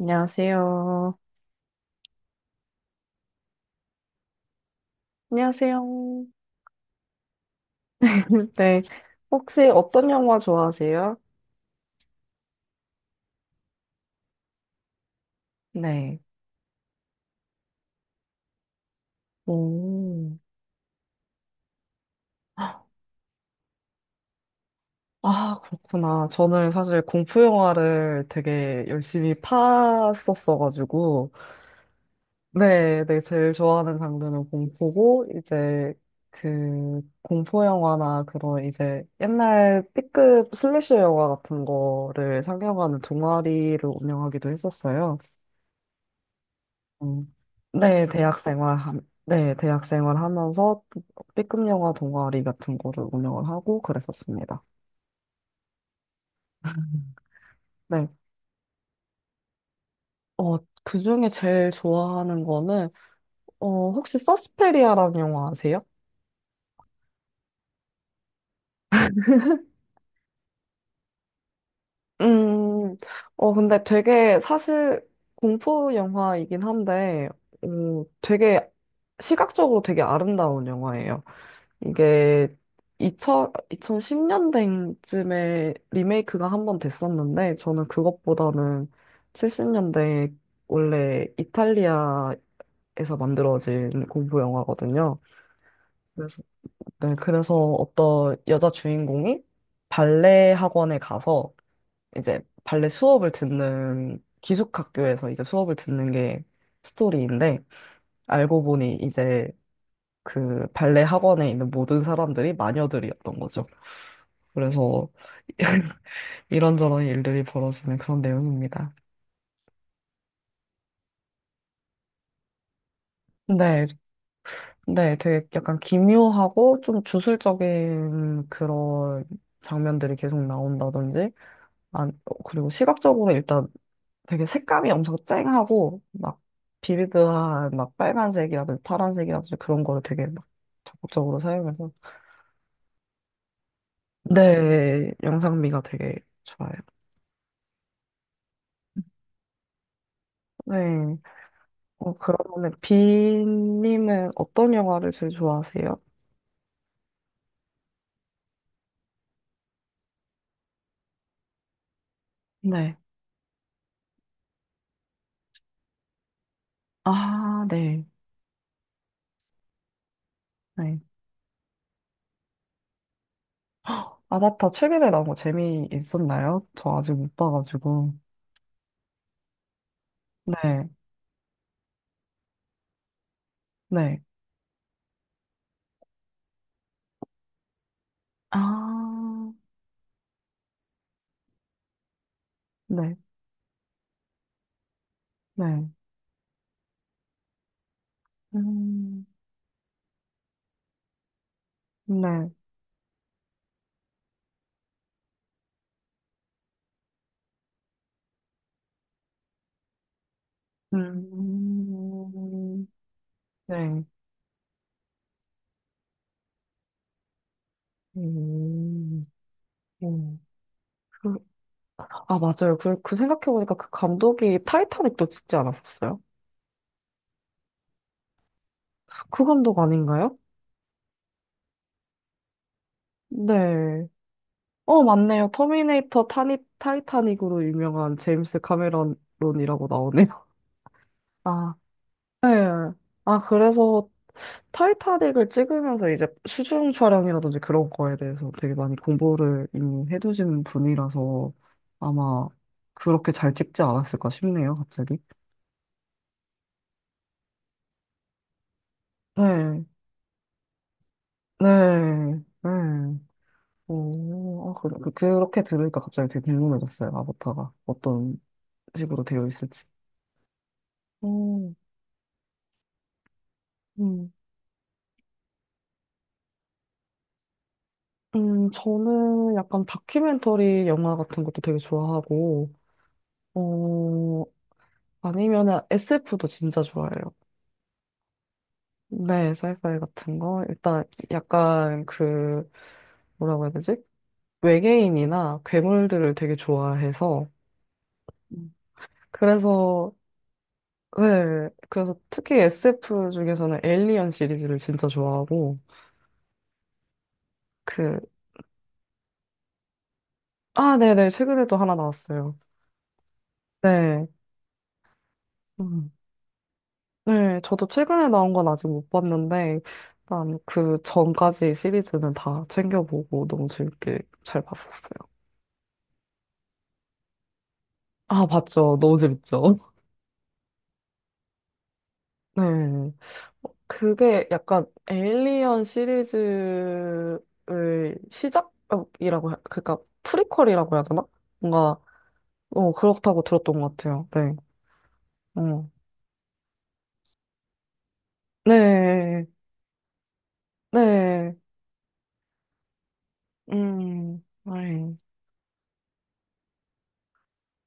안녕하세요. 안녕하세요. 네. 혹시 어떤 영화 좋아하세요? 네. 오. 아, 그렇구나. 저는 사실 공포 영화를 되게 열심히 팠었어가지고. 네, 네. 제일 좋아하는 장르는 공포고, 이제 그 공포 영화나 그런 이제 옛날 B급 슬래셔 영화 같은 거를 상영하는 동아리를 운영하기도 했었어요. 음, 네, 대학 생활, 네, 대학 생활 하면서 B급 영화 동아리 같은 거를 운영을 하고 그랬었습니다. 네. 어, 그 중에 제일 좋아하는 거는, 혹시 서스페리아라는 영화 아세요? 음, 근데 되게 사실 공포 영화이긴 한데, 되게 시각적으로 되게 아름다운 영화예요. 이게 2 0 2010년대쯤에 리메이크가 한 번 됐었는데, 저는 그것보다는 70년대 원래 이탈리아에서 만들어진 공포 영화거든요. 그래서, 네, 그래서 어떤 여자 주인공이 발레 학원에 가서 이제 발레 수업을 듣는 기숙학교에서 이제 수업을 듣는 게 스토리인데, 알고 보니 이제 그 발레 학원에 있는 모든 사람들이 마녀들이었던 거죠. 그래서 이런저런 일들이 벌어지는 그런 내용입니다. 네, 네, 되게 약간 기묘하고 좀 주술적인 그런 장면들이 계속 나온다든지, 아, 그리고 시각적으로 일단 되게 색감이 엄청 쨍하고, 막 비비드한 막 빨간색이라든지 파란색이라든지 그런 거를 되게 막 적극적으로 사용해서, 네, 영상미가 되게 좋아요. 네, 그러면 은 비님은 어떤 영화를 제일 좋아하세요? 네. 아, 네. 네. 아바타 최근에 나온 거 재미있었나요? 저 아직 못 봐가지고. 네. 네. 아, 네. 네. 음, 네. 음, 네. 음, 음. 그, 아, 맞아요. 그, 그 생각해보니까 그 감독이 타이타닉도 찍지 않았었어요? 그 감독 아닌가요? 네. 맞네요. 터미네이터 타이타닉으로 유명한 제임스 카메론이라고 나오네요. 아, 네. 아, 그래서 타이타닉을 찍으면서 이제 수중 촬영이라든지 그런 거에 대해서 되게 많이 공부를 이미 해두신 분이라서 아마 그렇게 잘 찍지 않았을까 싶네요, 갑자기. 네, 네, 네. 오, 아, 그, 그렇게 들으니까 갑자기 되게 궁금해졌어요, 아바타가. 어떤 식으로 되어 있을지. 음, 음. 저는 약간 다큐멘터리 영화 같은 것도 되게 좋아하고, 어, 아니면은 SF도 진짜 좋아해요. 네, 사이파이 같은 거. 일단 약간 그 뭐라고 해야 되지? 외계인이나 괴물들을 되게 좋아해서 음. 그래서 네, 그래서 특히 SF 중에서는 에일리언 시리즈를 진짜 좋아하고 그 아, 네네 최근에도 하나 나왔어요. 네. 음. 네, 저도 최근에 나온 건 아직 못 봤는데, 일단 그 전까지 시리즈는 다 챙겨보고 너무 재밌게 잘 봤었어요. 아, 봤죠. 너무 재밌죠. 네. 그게 약간 에일리언 시리즈의 시작이라고, 그러니까 프리퀄이라고 해야 되나? 뭔가, 그렇다고 들었던 것 같아요. 네. 어. 네. 네. 음. 네.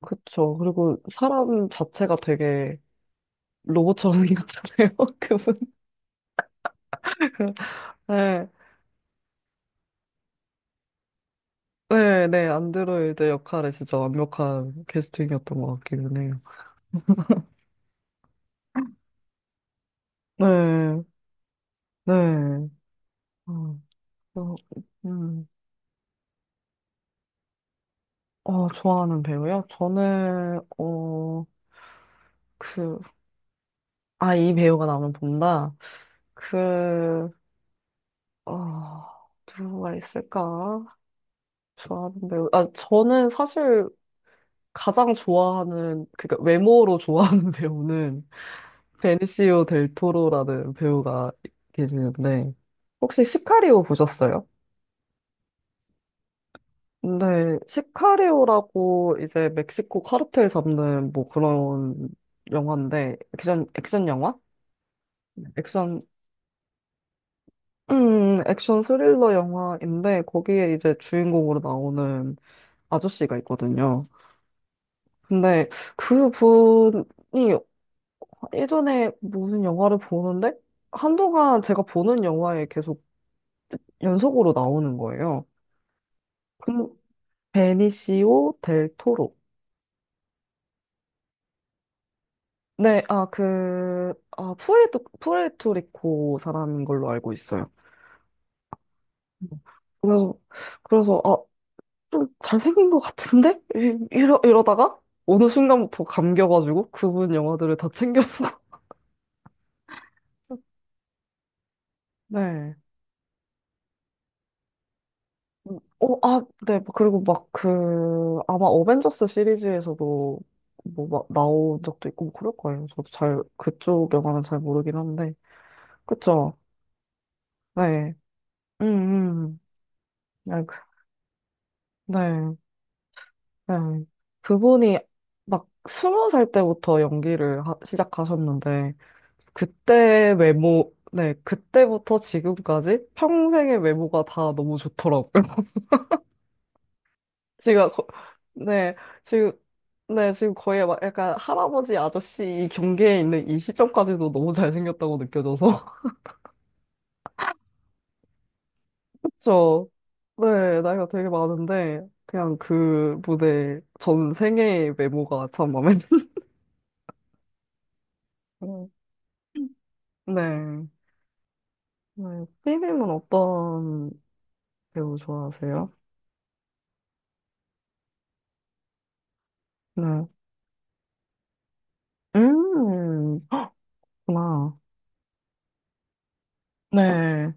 그쵸. 그리고 사람 자체가 되게 로봇처럼 생겼잖아요. 그분. 네. 네, 네. 안드로이드 역할에 진짜 완벽한 캐스팅이었던 것 같기는 해요. 네. 네. 어, 저, 음, 좋아하는 배우요? 저는, 그, 이 배우가 나오면 본다. 그, 어, 누가 있을까? 좋아하는 배우. 아, 저는 사실 가장 좋아하는, 그러니까 외모로 좋아하는 배우는 베니시오 델 토로라는 배우가 계시는데, 혹시 시카리오 보셨어요? 네, 시카리오라고 이제 멕시코 카르텔 잡는 뭐 그런 영화인데, 액션 영화? 액션, 액션 스릴러 영화인데, 거기에 이제 주인공으로 나오는 아저씨가 있거든요. 근데 그 분이 예전에 무슨 영화를 보는데, 한동안 제가 보는 영화에 계속 연속으로 나오는 거예요. 그 베니시오 델 토로. 네, 그, 푸에르토리코 사람인 걸로 알고 있어요. 음. 그래서, 그래서, 아, 좀 잘생긴 것 같은데? 이러다가 어느 순간부터 감겨가지고 그분 영화들을 다 챙겨보고. 네. 네. 그리고 막 그, 아마 어벤져스 시리즈에서도 뭐 막 나온 적도 있고 뭐 그럴 거예요. 저도 잘, 그쪽 영화는 잘 모르긴 한데. 그쵸? 네. 음, 음. 네. 네. 네. 그분이 막 스무 살 때부터 연기를 시작하셨는데, 그때 외모, 네, 그때부터 지금까지 평생의 외모가 다 너무 좋더라고요. 제가, 네, 지금, 네, 지금 거의 막 약간 할아버지 아저씨 경계에 있는 이 시점까지도 너무 잘생겼다고 느껴져서. 그쵸. 네, 나이가 되게 많은데, 그냥 그 무대 전 생애의 외모가 참 마음에 드네요. 네. 네, 삐님은 어떤 배우 좋아하세요? 네. 음, 그렇구나. 네.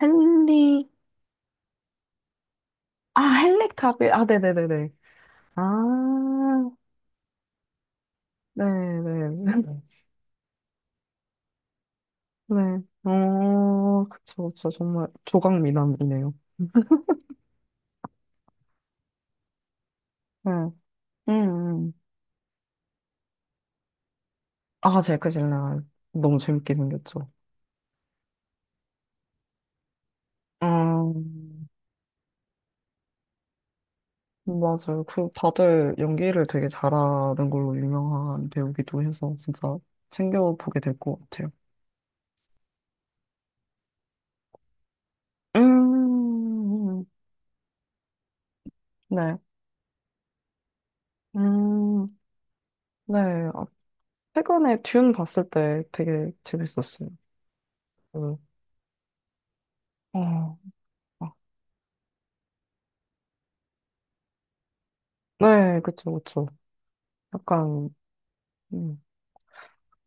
헨리, 헨리 카빌. 아, 네네네네. 아, 네네. 네. 그쵸, 그쵸. 정말 조각미남이네요. 네. 음, 음. 아, 제이크 질레 너무 재밌게 생겼죠. 음, 맞아요. 그, 다들 연기를 되게 잘하는 걸로 유명한 배우기도 해서 진짜 챙겨보게 될 것 같아요. 음, 네. 음, 네. 어, 최근에 듄 봤을 때 되게 재밌었어요. 음, 어, 아, 네, 그쵸, 그쵸. 약간, 음,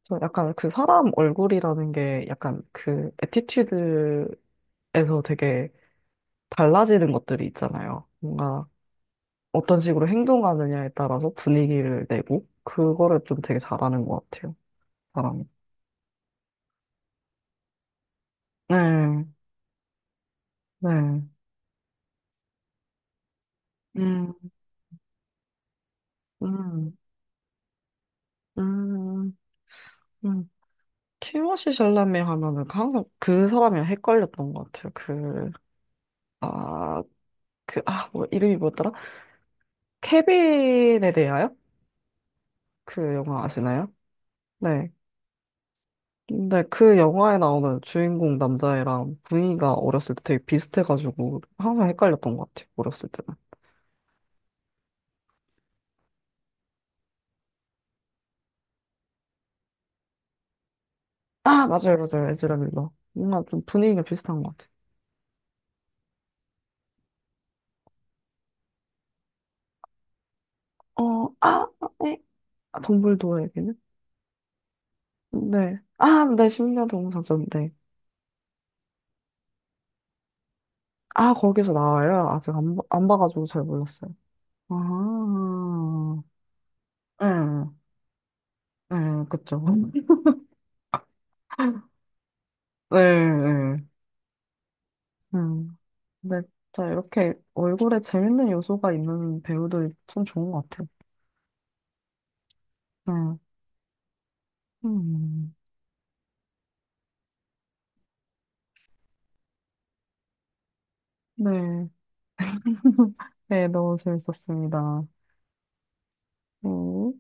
저 약간 그 사람 얼굴이라는 게 약간 그 애티튜드에서 되게 달라지는 것들이 있잖아요. 뭔가 어떤 식으로 행동하느냐에 따라서 분위기를 내고, 그거를 좀 되게 잘하는 것 같아요, 사람이. 네, 네. 음, 음, 음. 음. 티모시 샬라메 하면은 그 항상 그 사람이랑 헷갈렸던 것 같아요. 그, 아, 그, 뭐, 이름이 뭐였더라? 케빈에 대하여? 그 영화 아시나요? 네. 근데 그 영화에 나오는 주인공 남자애랑 분위기가 어렸을 때 되게 비슷해가지고 항상 헷갈렸던 것 같아요. 어렸을 때는. 아, 맞아요, 맞아요. 에즈라 밀러. 뭔가 좀 분위기가 비슷한 것 같아요. 어, 아, 에? 아, 덤블도어에게는? 네. 아, 네, 심0년 동상 전 네. 아, 거기서 나와요? 아직 안 봐가지고 잘 몰랐어요. 아, 응, 응, 그쵸. 응, 응. 음. 근데 진짜 이렇게 얼굴에 재밌는 요소가 있는 배우들이 참 좋은 것 같아요. 네. 음. 네. 네, 너무 재밌었습니다. 음.